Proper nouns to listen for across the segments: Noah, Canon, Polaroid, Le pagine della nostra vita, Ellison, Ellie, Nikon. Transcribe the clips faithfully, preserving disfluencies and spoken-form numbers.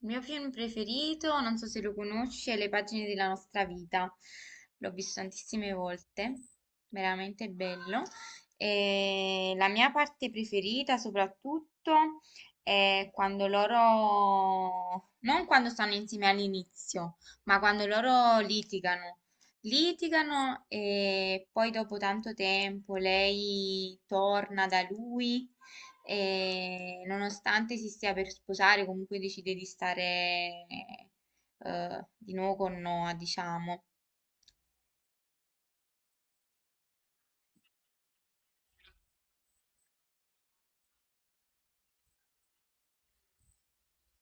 Il mio film preferito, non so se lo conosci, è Le pagine della nostra vita. L'ho visto tantissime volte, veramente bello. E la mia parte preferita soprattutto è quando loro, non quando stanno insieme all'inizio, ma quando loro litigano. Litigano e poi dopo tanto tempo lei torna da lui e nonostante si stia per sposare, comunque decide di stare eh, di nuovo con Noah, diciamo.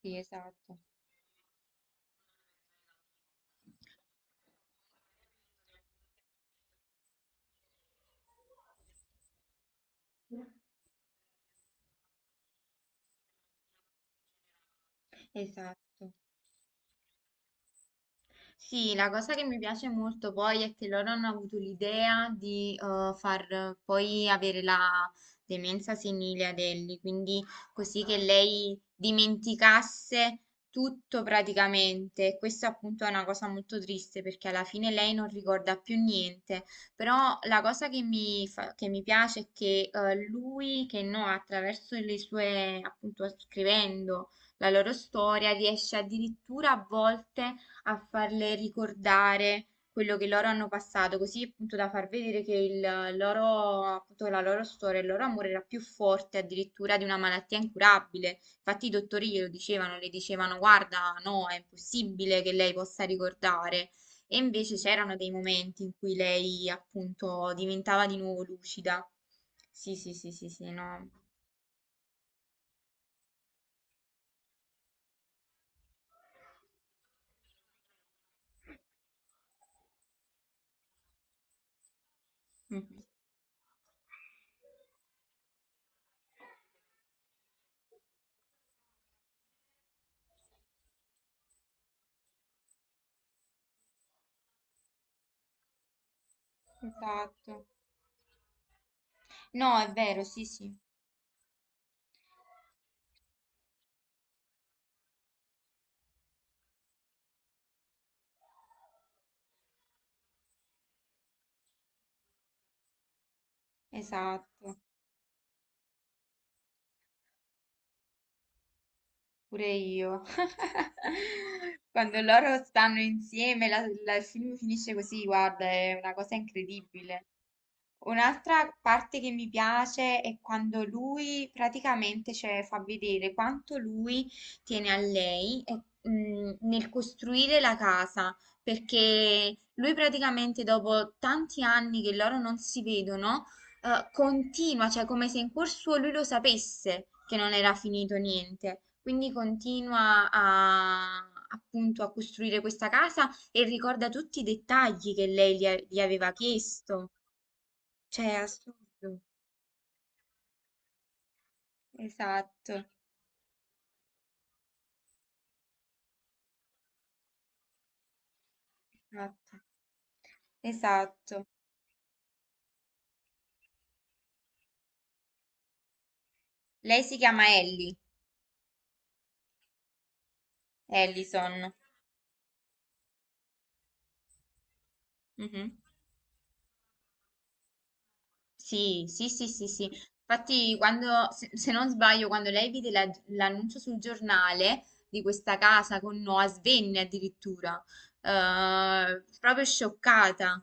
Sì, esatto, esatto. Sì, la cosa che mi piace molto poi è che loro hanno avuto l'idea di eh, far eh, poi avere la demenza senile ad Ellie, quindi così che lei dimenticasse tutto praticamente. E questa appunto è una cosa molto triste perché alla fine lei non ricorda più niente, però la cosa che mi, fa- che mi piace è che eh, lui, che no, attraverso le sue, appunto scrivendo la loro storia, riesce addirittura a volte a farle ricordare quello che loro hanno passato, così appunto da far vedere che il loro, appunto, la loro storia, il loro amore era più forte addirittura di una malattia incurabile. Infatti i dottori glielo dicevano, le dicevano guarda, no, è impossibile che lei possa ricordare. E invece c'erano dei momenti in cui lei appunto diventava di nuovo lucida. Sì, sì, sì, sì, sì, no. Mhm. Esatto. No, è vero, sì, sì, esatto. Pure io. Quando loro stanno insieme, la- la- il film finisce così, guarda, è una cosa incredibile. Un'altra parte che mi piace è quando lui praticamente cioè, fa vedere quanto lui tiene a lei e, mm, nel costruire la casa, perché lui praticamente dopo tanti anni che loro non si vedono, eh, continua, cioè come se in cuor suo lui lo sapesse che non era finito niente, quindi continua a appunto a costruire questa casa e ricorda tutti i dettagli che lei gli a- gli aveva chiesto. Cioè, è assurdo. Esatto, esatto, esatto. Lei si chiama Ellie, Ellison. Mhm. Sì, sì, sì, sì, sì. Infatti, quando, se, se non sbaglio, quando lei vide la- l'annuncio sul giornale di questa casa con Noah Svenne addirittura, eh, proprio scioccata.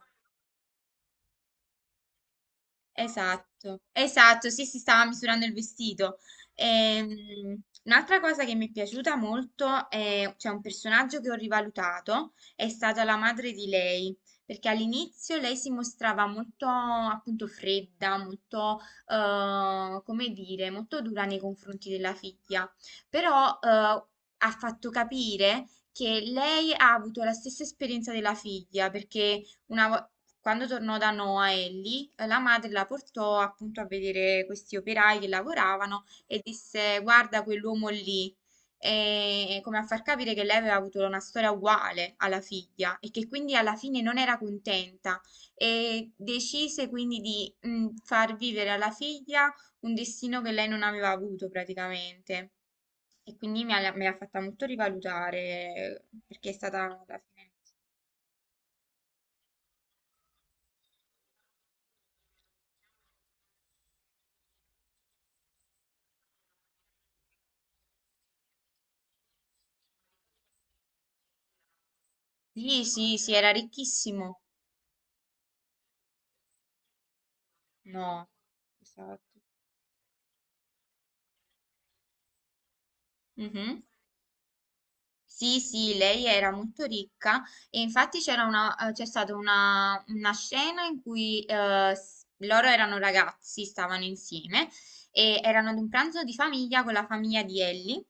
Esatto, esatto, sì, si stava misurando il vestito. Ehm, un'altra cosa che mi è piaciuta molto è, cioè un personaggio che ho rivalutato, è stata la madre di lei, perché all'inizio lei si mostrava molto appunto fredda, molto, eh, come dire, molto dura nei confronti della figlia, però eh, ha fatto capire che lei ha avuto la stessa esperienza della figlia, perché una vo- quando tornò da Noa Ellie, eh, la madre la portò appunto a vedere questi operai che lavoravano e disse: Guarda quell'uomo lì. E come a far capire che lei aveva avuto una storia uguale alla figlia e che quindi alla fine non era contenta e decise quindi di mm, far vivere alla figlia un destino che lei non aveva avuto praticamente. E quindi mi ha, mi ha fatta molto rivalutare eh, perché è stata alla fine. Sì, sì, sì, era ricchissimo. No. Esatto. Mhm. Sì, sì, lei era molto ricca e infatti c'era una, eh, c'è stata una, una scena in cui eh, s- loro erano ragazzi, stavano insieme e erano ad un pranzo di famiglia con la famiglia di Ellie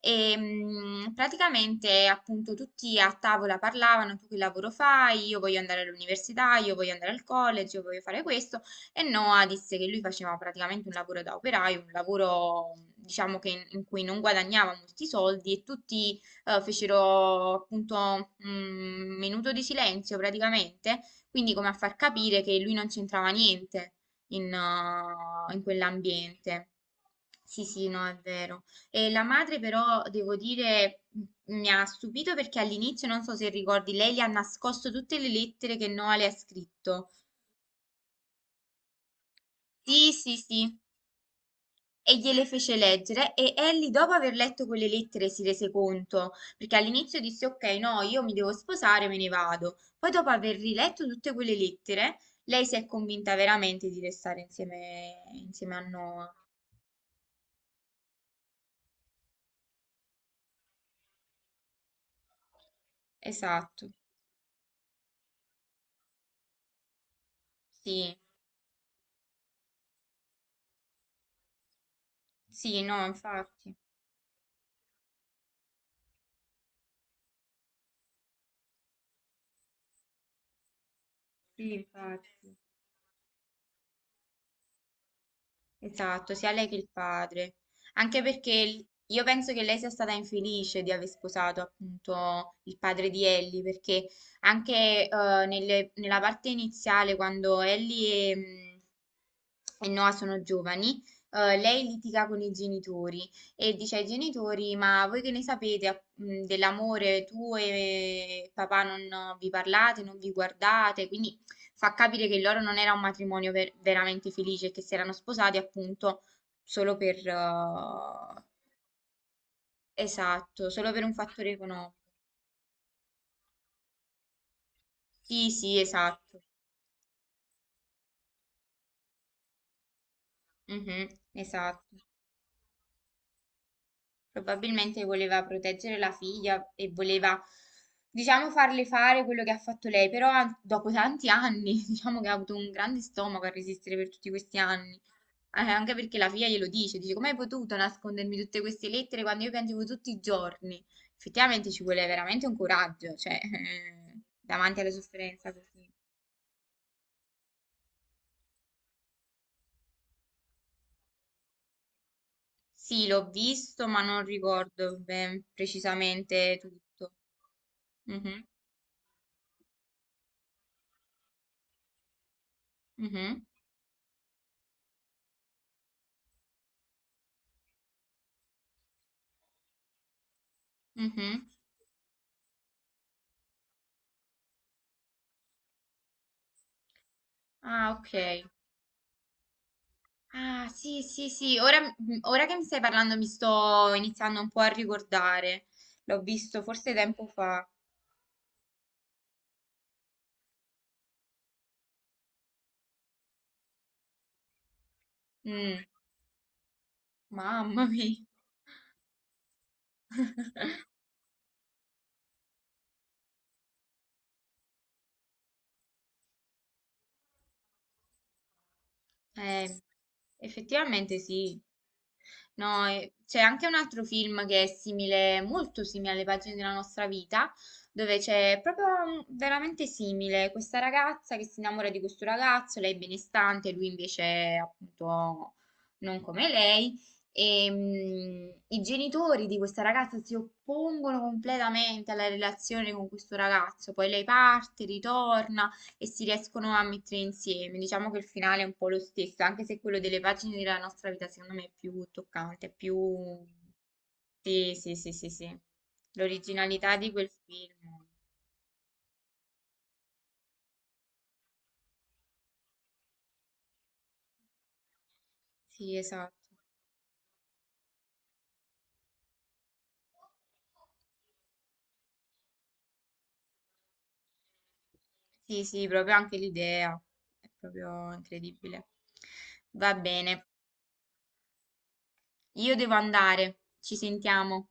e mm, praticamente appunto tutti a tavola parlavano, tu che lavoro fai? Io voglio andare all'università, io voglio andare al college, io voglio fare questo e Noah disse che lui faceva praticamente un lavoro da operaio, un lavoro diciamo che in in cui non guadagnava molti soldi e tutti eh, fecero appunto un minuto di silenzio praticamente, quindi come a far capire che lui non c'entrava niente in, eh, in quell'ambiente. Sì, sì, no, è vero. E la madre però, devo dire, m- mi ha stupito perché all'inizio, non so se ricordi, lei gli ha nascosto tutte le lettere che Noah le ha scritto. Sì, sì, sì. E gliele fece leggere e Ellie dopo aver letto quelle lettere si rese conto, perché all'inizio disse ok, no, io mi devo sposare, me ne vado. Poi dopo aver riletto tutte quelle lettere, lei si è convinta veramente di restare insieme, insieme a Noah. Esatto. Sì, sì, no, infatti. Sì, infatti. Esatto, sia lei che il padre. Anche perché l- io penso che lei sia stata infelice di aver sposato appunto il padre di Ellie, perché anche eh, nelle- nella parte iniziale, quando Ellie e, mm, e Noah sono giovani, eh, lei litiga con i genitori e dice ai genitori: Ma voi che ne sapete app- mm, dell'amore? Tu e papà non vi parlate, non vi guardate, quindi. Fa capire che il loro non era un matrimonio ver- veramente felice e che si erano sposati appunto solo per eh, esatto, solo per un fattore economico. Sì, sì, esatto. Mhm, esatto. Probabilmente voleva proteggere la figlia e voleva, diciamo, farle fare quello che ha fatto lei, però an- dopo tanti anni, diciamo che ha avuto un grande stomaco a resistere per tutti questi anni. Eh, Anche perché la figlia glielo dice, dice, come hai potuto nascondermi tutte queste lettere quando io piangevo tutti i giorni? Effettivamente ci vuole veramente un coraggio, cioè, eh, davanti alla sofferenza così. Sì, l'ho visto, ma non ricordo ben precisamente tutto. Mhm, mhm, mhm. Ah, ok. Ah, sì, sì, sì, ora, mm, ora che mi stai parlando mi sto iniziando un po' a ricordare. L'ho visto forse tempo fa. Mm, mamma mia. Eh, effettivamente sì. No, e- C'è anche un altro film che è simile, molto simile alle pagine della nostra vita, dove c'è proprio mm, veramente simile questa ragazza che si innamora di questo ragazzo, lei è benestante, lui invece è, appunto non come lei. E, mm, i genitori di questa ragazza si oppongono completamente alla relazione con questo ragazzo, poi lei parte, ritorna e si riescono a mettere insieme. Diciamo che il finale è un po' lo stesso, anche se quello delle pagine della nostra vita secondo me è più toccante, è più... Sì, sì, sì, sì, sì. L'originalità di quel film. Sì, esatto. Sì, sì, proprio anche l'idea è proprio incredibile. Va bene, io devo andare, ci sentiamo.